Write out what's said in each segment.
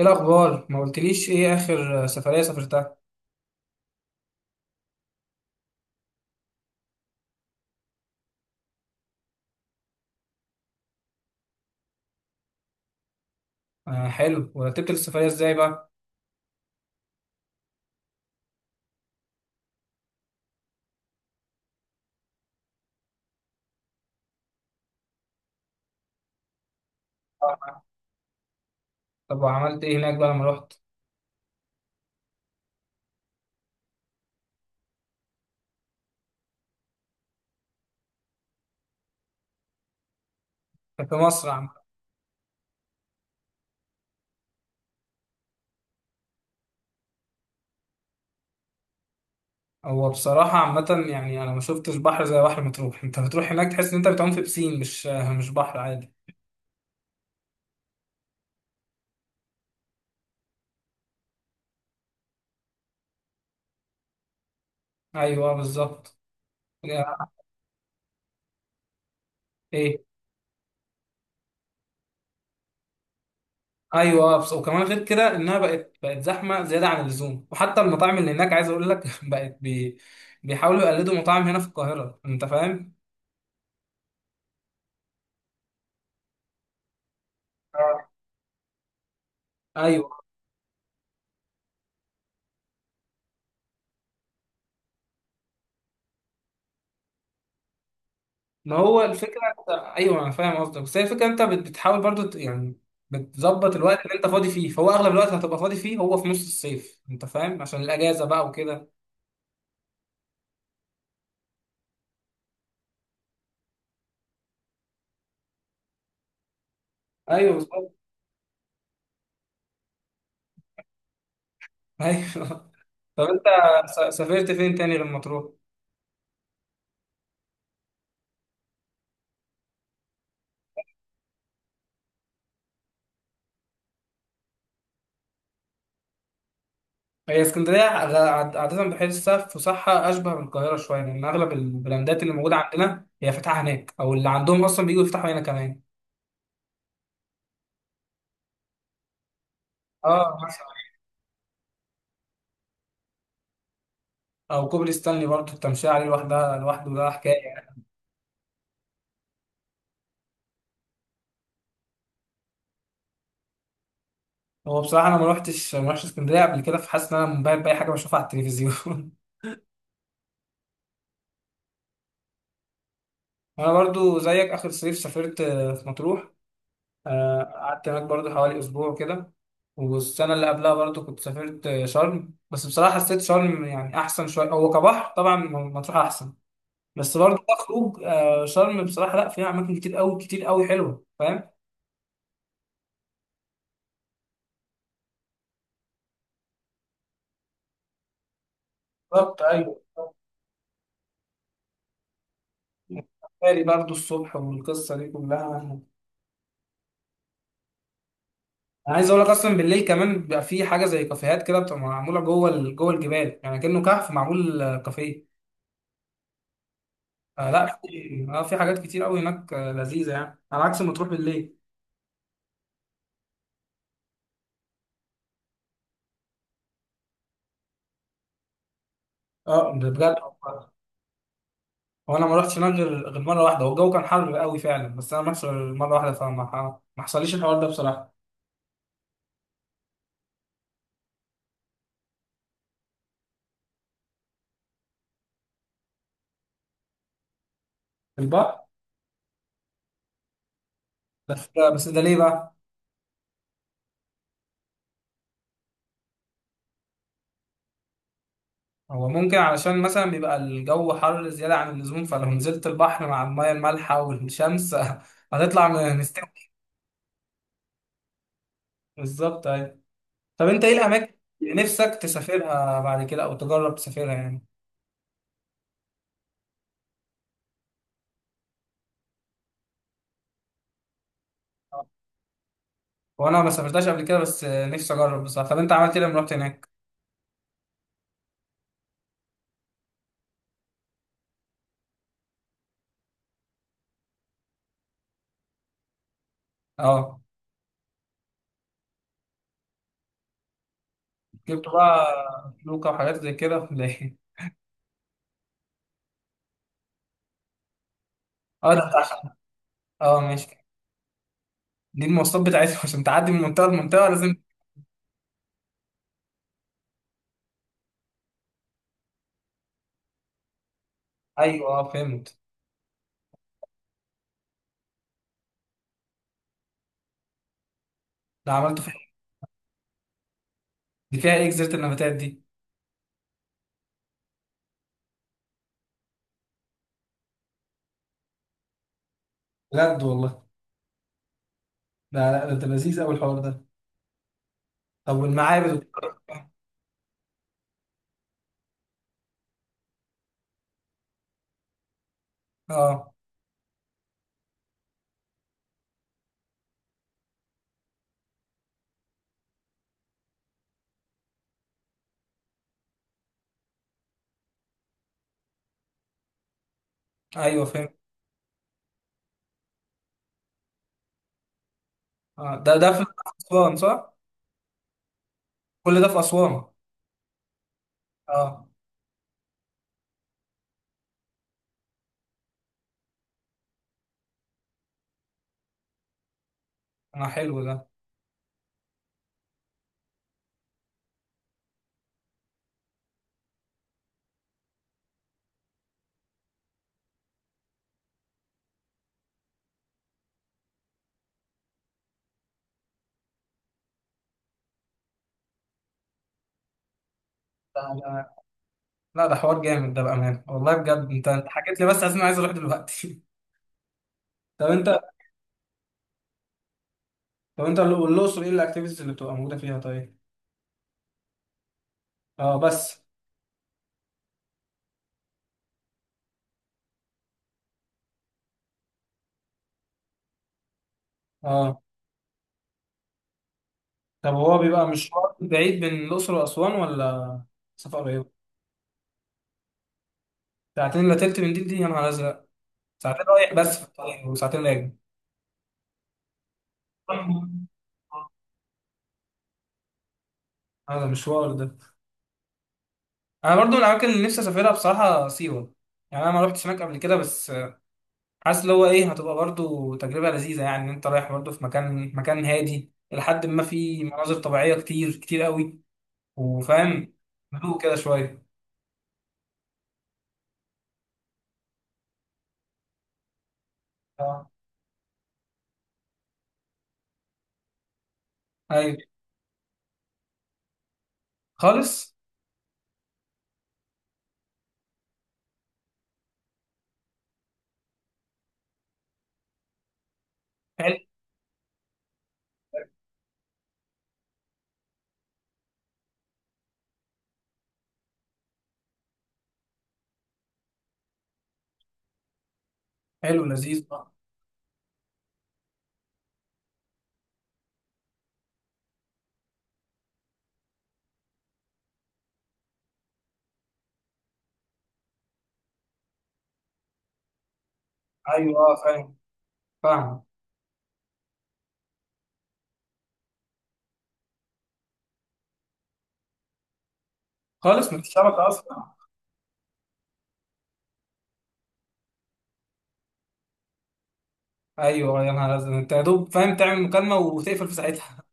ايه الاخبار؟ ما قلتليش ايه اخر سفريه سافرتها. آه حلو، ورتبت السفريه ازاي بقى؟ طب وعملت ايه هناك بقى لما رحت؟ كان في مصر عم. هو بصراحه عامه يعني انا ما شفتش بحر زي بحر مطروح، انت بتروح هناك تحس ان انت بتعوم في بسين، مش مش بحر عادي. ايوه آه، بالظبط. ايه. ايوه آه، بس وكمان غير كده انها بقت زحمه زياده عن اللزوم، وحتى المطاعم اللي هناك عايز اقول لك بيحاولوا يقلدوا مطاعم هنا في القاهره، انت فاهم. آه. ايوه. ما هو الفكرة، انت ايوه انا فاهم قصدك بس هي الفكرة انت بتحاول برضو يعني بتظبط الوقت اللي انت فاضي فيه، فهو اغلب الوقت هتبقى فاضي فيه هو في نص الصيف، انت فاهم، عشان الاجازة بقى وكده. ايوه بالظبط. ايوه طب انت سافرت فين تاني غير مطروح؟ هي اسكندرية عادة بحسها فسحة اشبه بالقاهرة شوية، لان اغلب البراندات اللي موجودة عندنا هي فاتحة هناك، او اللي عندهم اصلا بييجوا يفتحوا هنا كمان. اه مثلا. او كوبري ستانلي، برضو التمشية عليه لوحدها لوحده ده حكاية. هو بصراحة أنا ما روحتش اسكندرية قبل كده، فحاسس إن أنا منبهر بأي حاجة بشوفها على التلفزيون أنا برضو زيك، آخر صيف سافرت في مطروح. قعدت هناك برضو حوالي أسبوع كده. والسنة اللي قبلها برضو كنت سافرت شرم، بس بصراحة حسيت شرم يعني أحسن شوية، هو كبحر طبعا مطروح أحسن، بس برضو كخروج شرم بصراحة لأ، فيها أماكن كتير أوي كتير أوي حلوة، فاهم؟ بالظبط أيوه بالظبط. بالي برضو الصبح والقصة دي كلها. انا عايز اقول لك اصلا بالليل كمان بيبقى في حاجه زي كافيهات كده، بتبقى معموله جوه جوه الجبال، يعني كانه كهف معمول كافيه. آه لا في اه في حاجات كتير قوي هناك لذيذه، يعني على عكس ما تروح بالليل. اه ده بجد. وانا ما رحتش هناك غير مره واحده، والجو كان حر قوي فعلا، بس انا ما رحتش غير مره واحده، ما حصليش الحوار ده بصراحه. في البحر. بس. بس ده ليه بقى؟ هو ممكن علشان مثلا بيبقى الجو حر زياده عن اللزوم، فلو نزلت البحر مع الميه المالحه والشمس هتطلع مستوي. بالظبط أيوة. طب انت ايه الاماكن اللي نفسك تسافرها بعد كده، او تجرب تسافرها يعني؟ وانا ما سافرتهاش قبل كده، بس نفسي اجرب بصراحه. طب انت عملت ايه لما رحت هناك؟ اه جبت بقى لوكا وحاجات زي كده ولا ايه؟ اه ده بتاع- اه ماشي. دي المواصلات بتاعتهم عشان تعدي من منطقه لمنطقه لازم. ايوه اه فهمت. ده عملته فيها. دي فيها ايه جزيره النباتات دي؟ بجد والله؟ لا لا، ده لذيذ قوي الحوار ده. طب والمعابد؟ اه ايوه فهمت. اه ده في اسوان صح؟ كل ده في اسوان؟ اه. انا حلو ده. لا ده حوار جامد ده بأمانة والله بجد، انت حكيت لي بس، عايز انا عايز اروح دلوقتي طب انت. طب انت والاقصر ايه الاكتيفيتيز اللي بتبقى موجودة فيها طيب؟ اه بس. اه. طب هو بيبقى مشوار بعيد بين الاقصر واسوان، ولا سفر قريب؟ ساعتين الا تلت من دي يا نهار ازرق. ساعتين رايح بس في الطريق، وساعتين راجع. هذا مشوار ده. انا برضو من الاماكن اللي نفسي اسافرها بصراحة سيوة، يعني انا ما رحتش هناك قبل كده، بس حاسس اللي هو ايه، هتبقى برضو تجربة لذيذة، يعني ان انت رايح برضو في مكان هادي، لحد ما في مناظر طبيعية كتير كتير قوي، وفاهم هدوء كده شوية. اه ايوه خالص. حلو حلو لذيذ آه. ايوه اه فاهم. فاهم. خالص مفيش شبكة اصلا. ايوه يا نهار ازرق، انت يا دوب فاهم تعمل مكالمة وتقفل في ساعتها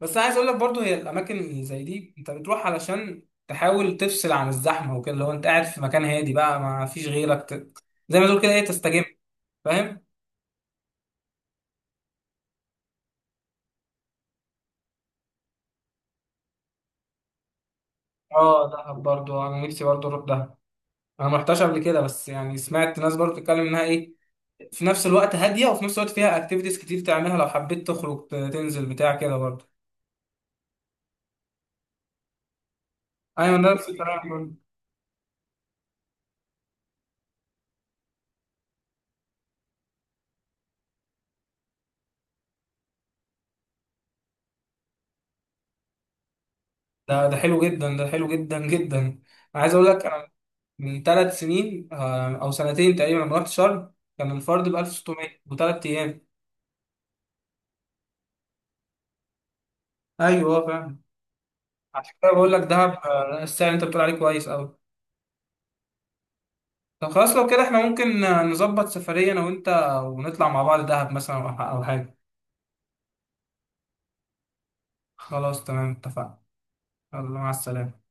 بس أنا عايز اقول لك برضو، هي الاماكن اللي زي دي انت بتروح علشان تحاول تفصل عن الزحمة وكده، لو انت قاعد في مكان هادي بقى ما فيش غيرك زي ما تقول كده ايه، تستجم، فاهم. اه دهب برضو، انا نفسي برضو اروح دهب. انا ما رحتش قبل كده، بس يعني سمعت ناس برضو بتتكلم انها ايه، في نفس الوقت هاديه، وفي نفس الوقت فيها اكتيفيتيز كتير تعملها لو حبيت تخرج تنزل بتاع كده برضو. ايوه نفس الكلام برضو. ده حلو جدا، ده حلو جدا جدا. انا عايز اقول لك انا من 3 سنين آه، او سنتين تقريبا، لما رحت شرم كان الفرد ب 1600 و3 ايام. ايوه فاهم. عشان كده بقول لك دهب آه، السعر اللي انت بتقول عليه كويس قوي. طب خلاص لو كده احنا ممكن نظبط سفرية انا وانت، ونطلع مع بعض دهب مثلا، او حاجة. خلاص تمام اتفقنا. يلا مع السلامة.